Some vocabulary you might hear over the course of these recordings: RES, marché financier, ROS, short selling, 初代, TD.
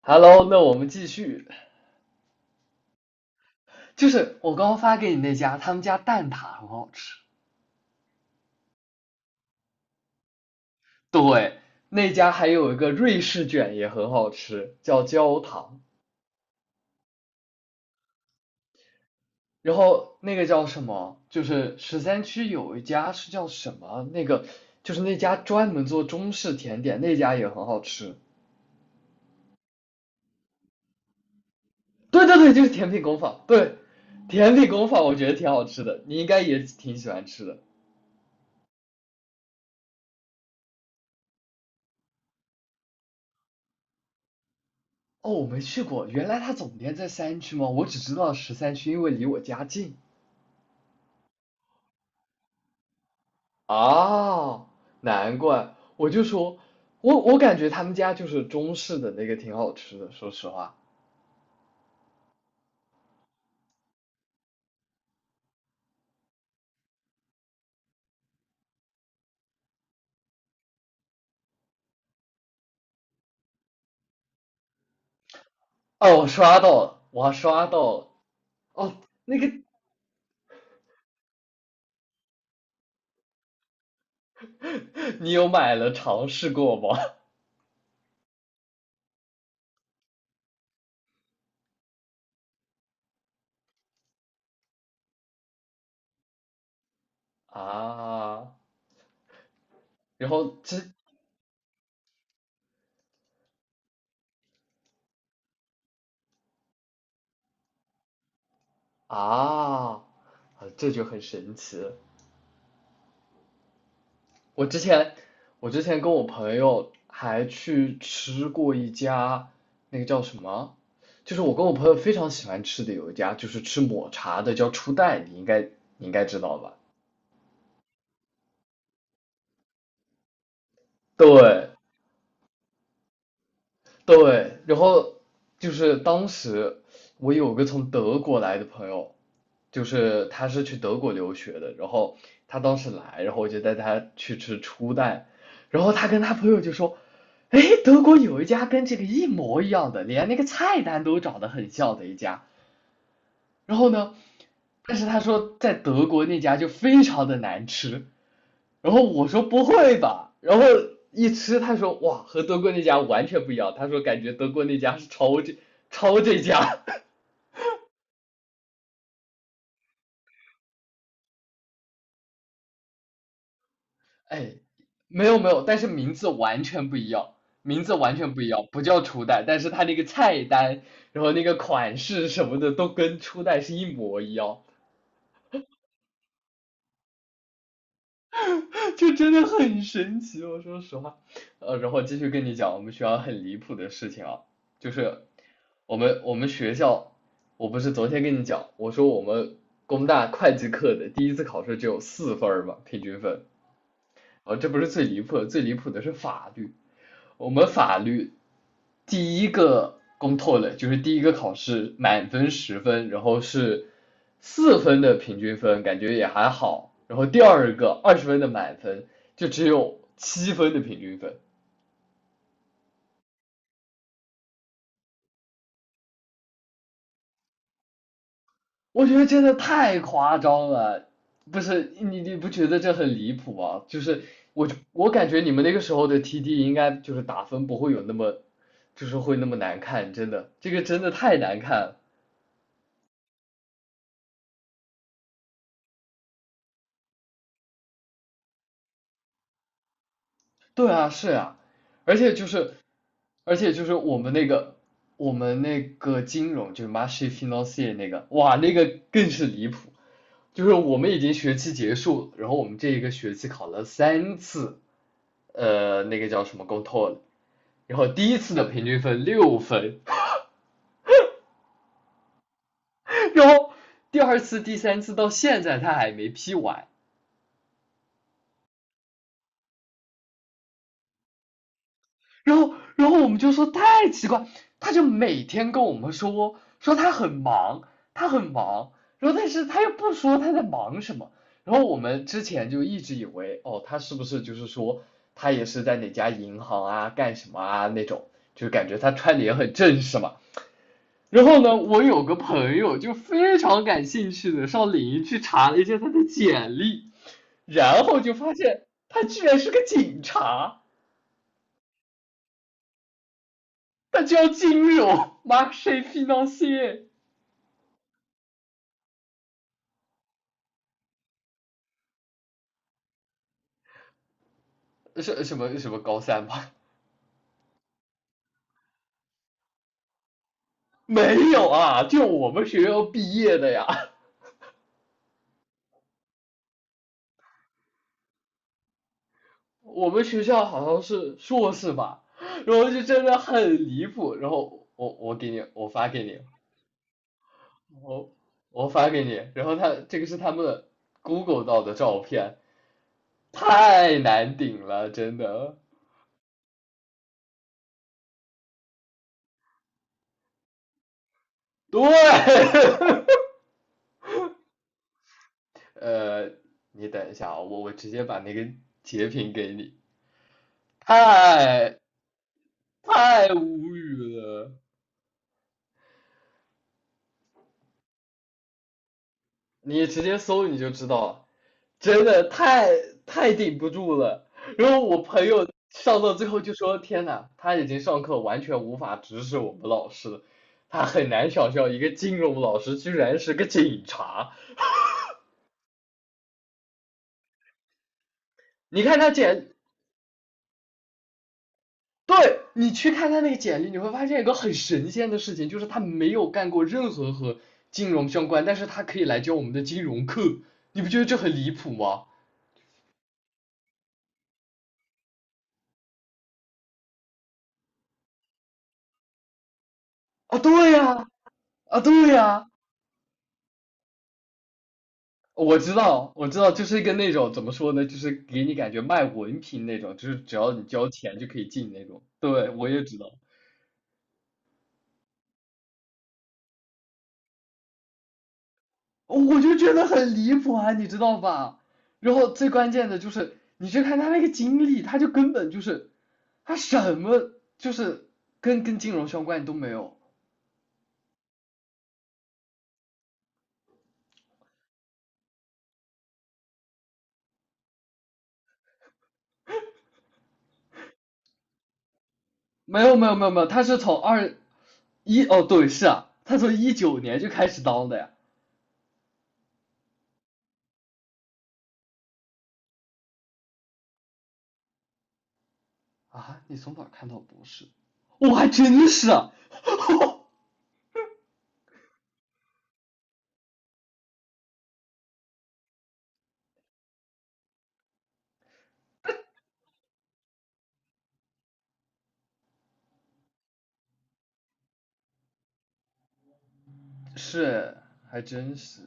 Hello，那我们继续，就是我刚刚发给你那家，他们家蛋挞很好吃。对，那家还有一个瑞士卷也很好吃，叫焦糖。然后那个叫什么？就是十三区有一家是叫什么？那个就是那家专门做中式甜点，那家也很好吃。对对对，就是甜品工坊。对，甜品工坊我觉得挺好吃的，你应该也挺喜欢吃的。哦，我没去过，原来它总店在三区吗？我只知道十三区，因为离我家近。啊，难怪，我就说，我感觉他们家就是中式的那个挺好吃的，说实话。哦，我刷到了，我还刷到了。哦，那个 你有买了尝试过吗？啊，然后这啊，啊这就很神奇了，我之前，我之前跟我朋友还去吃过一家，那个叫什么？就是我跟我朋友非常喜欢吃的有一家，就是吃抹茶的，叫初代，你应该知道吧？对，对，然后就是当时我有个从德国来的朋友，就是他是去德国留学的，然后他当时来，然后我就带他去吃初代，然后他跟他朋友就说，哎，德国有一家跟这个一模一样的，连那个菜单都长得很像的一家，然后呢，但是他说在德国那家就非常的难吃，然后我说不会吧，然后一吃他说哇和德国那家完全不一样，他说感觉德国那家是抄这家，哎，没有没有，但是名字完全不一样，名字完全不一样，不叫初代，但是他那个菜单，然后那个款式什么的都跟初代是一模一样，就真的很神奇，我说实话。然后继续跟你讲我们学校很离谱的事情啊，就是我们学校，我不是昨天跟你讲，我说我们工大会计课的第一次考试只有四分儿嘛，平均分。啊，这不是最离谱的，最离谱的是法律。我们法律第一个公透了，就是第一个考试满分十分，然后是四分的平均分，感觉也还好。然后第二个二十分的满分，就只有七分的平均分，我觉得真的太夸张了。不是你不觉得这很离谱吗？就是我感觉你们那个时候的 TD 应该就是打分不会有那么，就是会那么难看，真的，这个真的太难看了。对啊，是啊，而且就是我们那个，我们那个金融就是 marché f i n a n c e 那个，哇，那个更是离谱。就是我们已经学期结束，然后我们这一个学期考了三次，那个叫什么 g o t o l 然后第一次的平均分六分，然后第二次、第三次到现在他还没批完，然后我们就说太奇怪，他就每天跟我们说他很忙，他很忙，然后但是他又不说他在忙什么，然后我们之前就一直以为哦他是不是就是说他也是在哪家银行啊干什么啊那种，就感觉他穿的也很正式嘛。然后呢，我有个朋友就非常感兴趣的上领英去查了一下他的简历，然后就发现他居然是个警察。他就要进入 marché financier 是什么什么高三吧？没有啊，就我们学校毕业的呀，我们学校好像是硕士吧，然后就真的很离谱，然后我给你，我发给你，我我发给你，然后他这个是他们的 Google 到的照片，太难顶了，真的，对，呃，你等一下啊，我直接把那个截屏给你。太太无语了，你直接搜你就知道了，真的太顶不住了。然后我朋友上到最后就说：“天呐，他已经上课完全无法直视我们老师了，他很难想象一个金融老师居然是个警察。你看他简，对你去看他那个简历，你会发现一个很神仙的事情，就是他没有干过任何和金融相关，但是他可以来教我们的金融课，你不觉得这很离谱吗？”啊，对呀、啊，对呀，我知道，我知道，就是跟那种怎么说呢，就是给你感觉卖文凭那种，就是只要你交钱就可以进那种。对，我也知道，我就觉得很离谱啊，你知道吧？然后最关键的就是，你去看他那个经历，他就根本就是，他什么就是跟金融相关都没有，没有没有没有没有，他是从二一哦对是啊，他从一九年就开始当的呀。啊，你从哪儿看到博士？我还真是，是，还真是。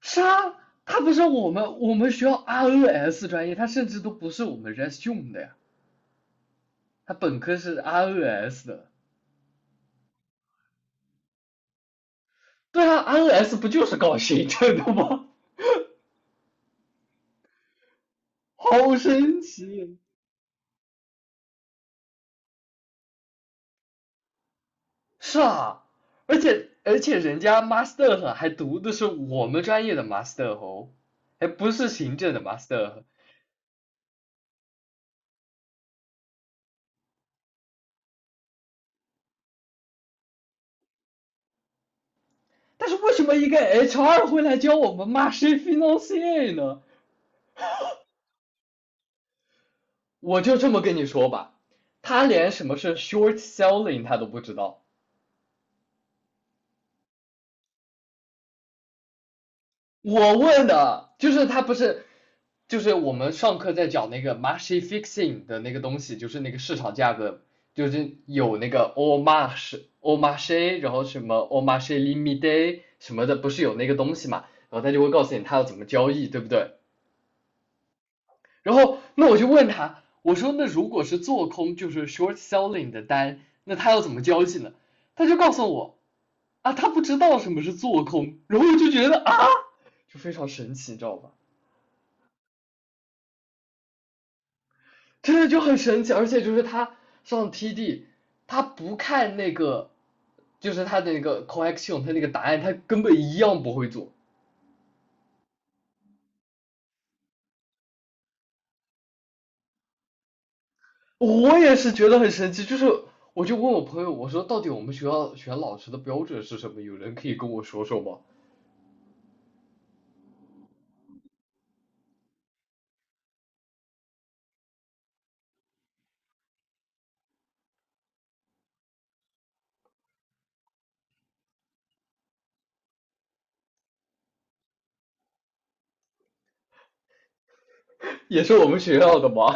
是啊，他不是我们学校 ROS 专业，他甚至都不是我们 RES 用的呀，他本科是 ROS 的。对啊，ROS 不就是搞行政的吗？好神奇。是啊，而且人家 master 还读的是我们专业的 master 哦，还不是行政的 master。但是为什么一个 HR 会来教我们 m a s h i financier 呢？我就这么跟你说吧，他连什么是 short selling 他都不知道。我问的就是他不是，就是我们上课在讲那个 m a r s h i fixing 的那个东西，就是那个市场价格，就是有那个 a l marsh a l marsh，然后什么 a l marsh limit day 什么的，不是有那个东西嘛？然后他就会告诉你他要怎么交易，对不对？然后那我就问他，我说那如果是做空就是 short selling 的单，那他要怎么交易呢？他就告诉我啊，他不知道什么是做空，然后我就觉得啊，就非常神奇，你知道吧？真的就很神奇，而且就是他上 TD，他不看那个，就是他的那个 c o l l e c t i o n 他那个答案，他根本一样不会做。我也是觉得很神奇，就是我就问我朋友，我说到底我们学校选老师的标准是什么？有人可以跟我说说吗？也是我们学校的吗？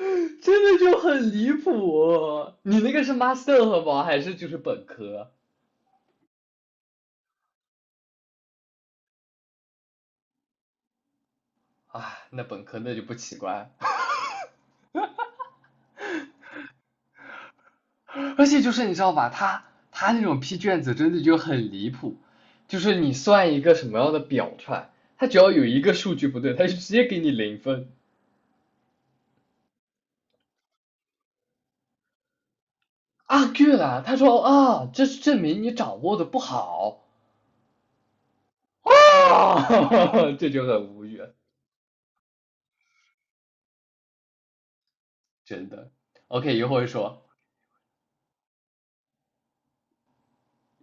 真的就很离谱。你那个是 master 吗？还是就是本科？啊，那本科那就不奇怪。而且就是你知道吧，他那种批卷子真的就很离谱，就是你算一个什么样的表出来，他只要有一个数据不对，他就直接给你零分。啊，对了，他说啊，这是证明你掌握的不好啊，这就很无语，真的。OK，一会儿说，